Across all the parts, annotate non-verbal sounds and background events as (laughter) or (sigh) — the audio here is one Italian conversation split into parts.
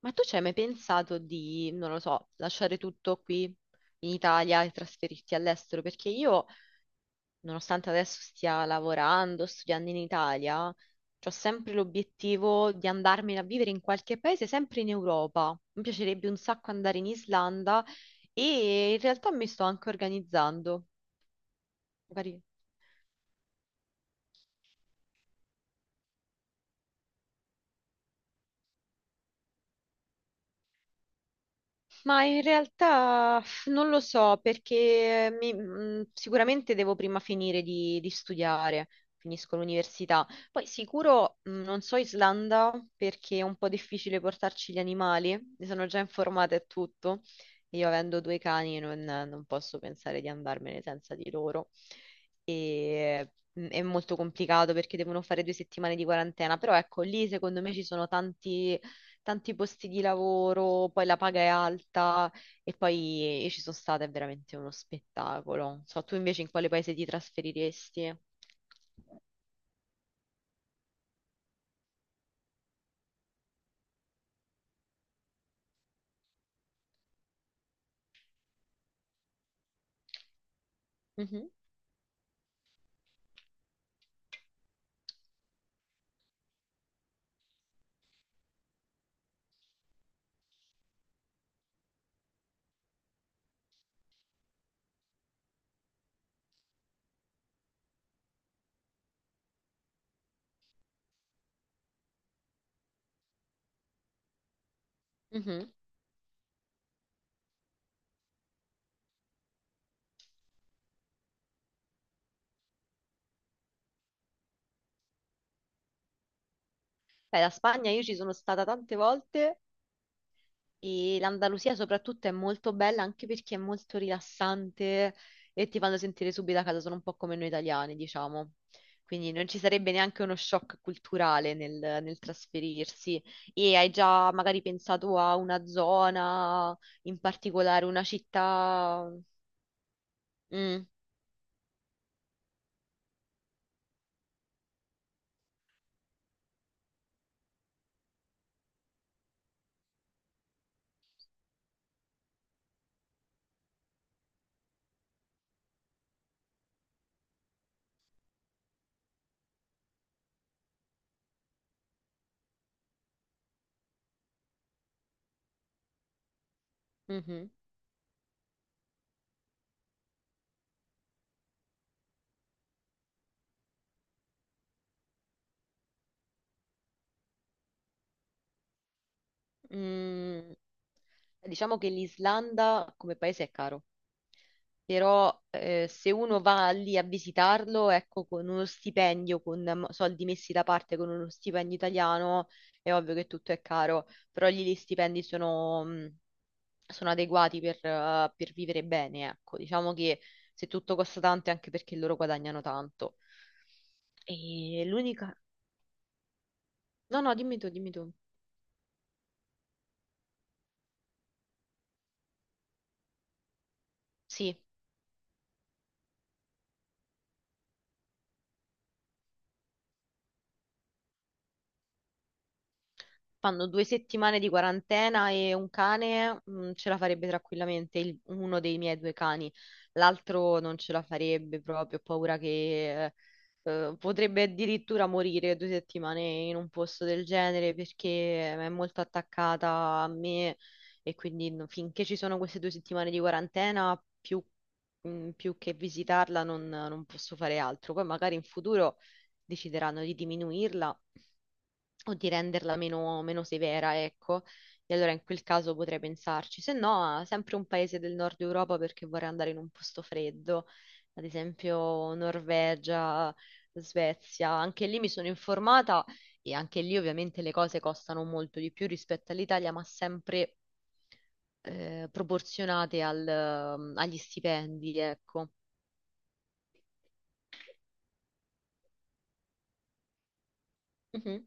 Ma tu ci hai mai pensato di, non lo so, lasciare tutto qui in Italia e trasferirti all'estero? Perché io, nonostante adesso stia lavorando, studiando in Italia, ho sempre l'obiettivo di andarmene a vivere in qualche paese, sempre in Europa. Mi piacerebbe un sacco andare in Islanda e in realtà mi sto anche organizzando. Magari. Ma in realtà non lo so perché sicuramente devo prima finire di studiare, finisco l'università. Poi sicuro non so Islanda perché è un po' difficile portarci gli animali, mi sono già informata e tutto. E io avendo due cani non posso pensare di andarmene senza di loro. E, è molto complicato perché devono fare 2 settimane di quarantena, però ecco lì secondo me ci sono tanti tanti posti di lavoro, poi la paga è alta e poi io ci sono stata, è veramente uno spettacolo. Non so, tu invece in quale paese ti trasferiresti? Mhm. Mhm. Beh, la Spagna io ci sono stata tante volte. E l'Andalusia soprattutto è molto bella anche perché è molto rilassante e ti fanno sentire subito a casa, sono un po' come noi italiani, diciamo. Quindi non ci sarebbe neanche uno shock culturale nel, nel trasferirsi. E hai già magari pensato a una zona, in particolare una città. Mm. Mhm. Mm. Diciamo che l'Islanda come paese è caro. Però se uno va lì a visitarlo, ecco, con uno stipendio, con soldi messi da parte con uno stipendio italiano, è ovvio che tutto è caro, però lì gli stipendi sono adeguati per vivere bene, ecco, diciamo che se tutto costa tanto è anche perché loro guadagnano tanto. E l'unica... No, no, dimmi tu, dimmi tu. Sì. Fanno 2 settimane di quarantena e un cane, ce la farebbe tranquillamente, uno dei miei due cani. L'altro non ce la farebbe proprio, ho paura che potrebbe addirittura morire 2 settimane in un posto del genere perché è molto attaccata a me e quindi finché ci sono queste 2 settimane di quarantena, più che visitarla non posso fare altro. Poi magari in futuro decideranno di diminuirla o di renderla meno severa, ecco. E allora in quel caso potrei pensarci, se no, sempre un paese del nord Europa perché vorrei andare in un posto freddo, ad esempio Norvegia, Svezia. Anche lì mi sono informata e anche lì ovviamente le cose costano molto di più rispetto all'Italia, ma sempre proporzionate agli stipendi, ecco. Mhm.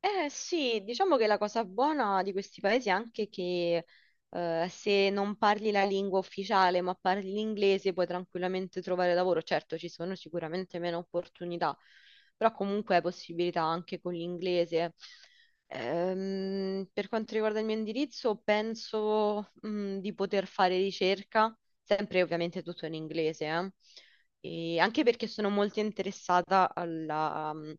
Eh sì, diciamo che la cosa buona di questi paesi è anche che se non parli la lingua ufficiale ma parli l'inglese puoi tranquillamente trovare lavoro. Certo, ci sono sicuramente meno opportunità, però comunque hai possibilità anche con l'inglese. Per quanto riguarda il mio indirizzo, penso di poter fare ricerca, sempre ovviamente tutto in inglese, eh. E anche perché sono molto interessata alla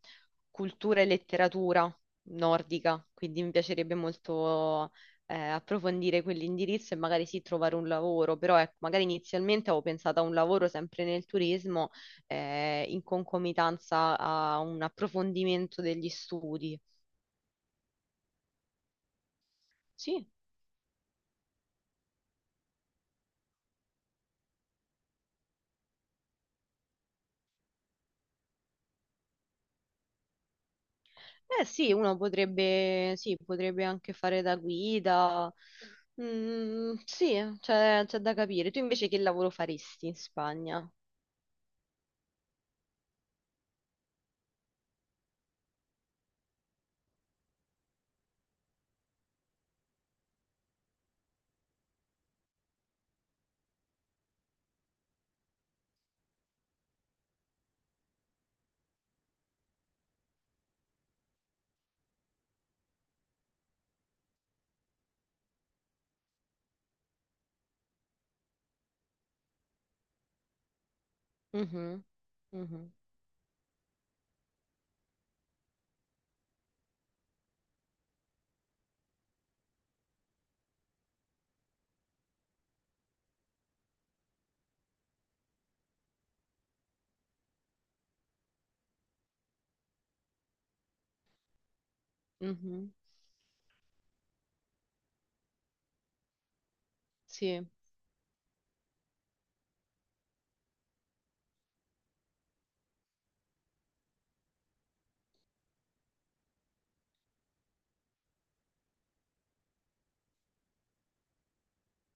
cultura e letteratura nordica, quindi mi piacerebbe molto approfondire quell'indirizzo e magari sì trovare un lavoro, però ecco, magari inizialmente avevo pensato a un lavoro sempre nel turismo in concomitanza a un approfondimento degli studi. Sì, eh sì, uno potrebbe, sì, potrebbe anche fare da guida. Mm, sì, c'è da capire. Tu invece che lavoro faresti in Spagna? Mhm. Mhm. Mhm. Sì.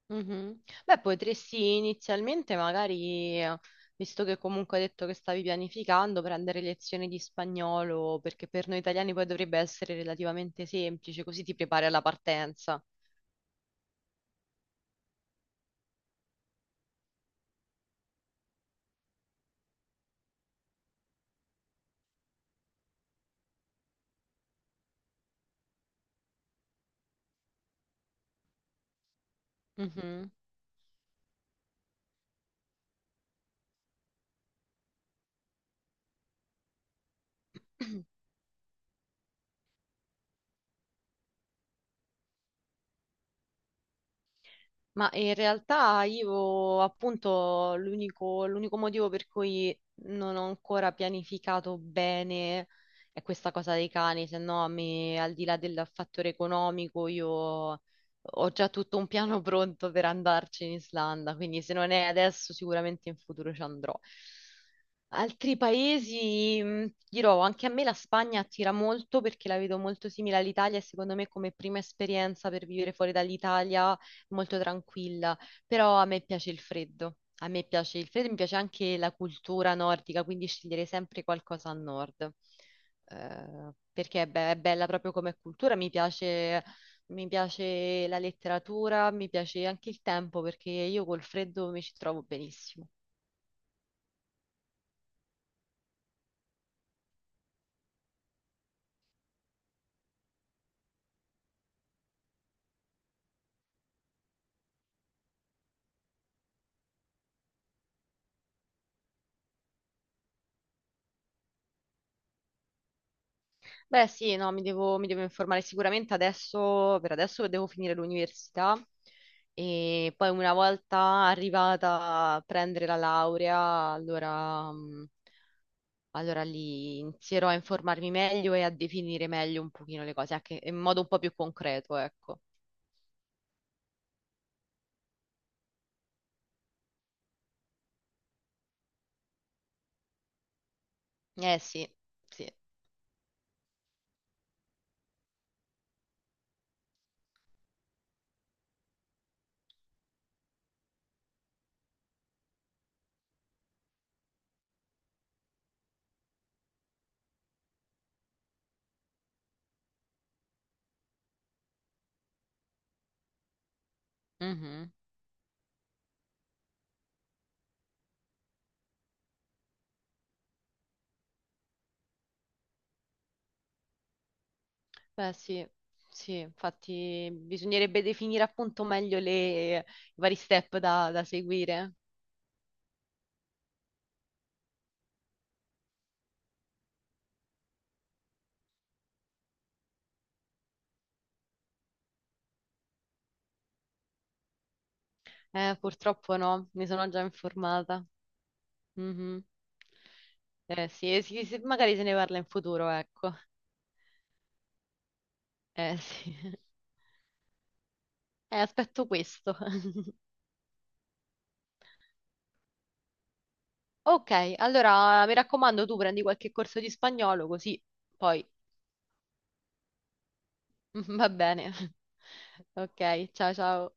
Mhm. Beh, potresti inizialmente magari, visto che comunque hai detto che stavi pianificando, prendere lezioni di spagnolo, perché per noi italiani poi dovrebbe essere relativamente semplice, così ti prepari alla partenza. Mhm. Ma in realtà io appunto l'unico motivo per cui non ho ancora pianificato bene è questa cosa dei cani, se no a me al di là del fattore economico io ho già tutto un piano (laughs) pronto per andarci in Islanda, quindi se non è adesso sicuramente in futuro ci andrò. Altri paesi, dirò, anche a me la Spagna attira molto perché la vedo molto simile all'Italia e secondo me come prima esperienza per vivere fuori dall'Italia molto tranquilla, però a me piace il freddo. A me piace il freddo, mi piace anche la cultura nordica, quindi scegliere sempre qualcosa a nord. Perché è bella proprio come cultura, mi piace la letteratura, mi piace anche il tempo, perché io col freddo mi ci trovo benissimo. Beh, sì, no, mi devo informare sicuramente adesso, per adesso devo finire l'università e poi una volta arrivata a prendere la laurea, allora, allora lì inizierò a informarmi meglio e a definire meglio un pochino le cose, anche in modo un po' più concreto, ecco. Eh sì, sì. Mhm. Beh sì, sì, infatti bisognerebbe definire appunto meglio i vari step da seguire. Purtroppo no, mi sono già informata. Mhm. Sì, sì, sì, magari se ne parla in futuro, ecco. Eh sì. (laughs) Aspetto questo. (laughs) Ok, allora mi raccomando, tu prendi qualche corso di spagnolo così poi (laughs) va bene. (laughs) Ok, ciao ciao.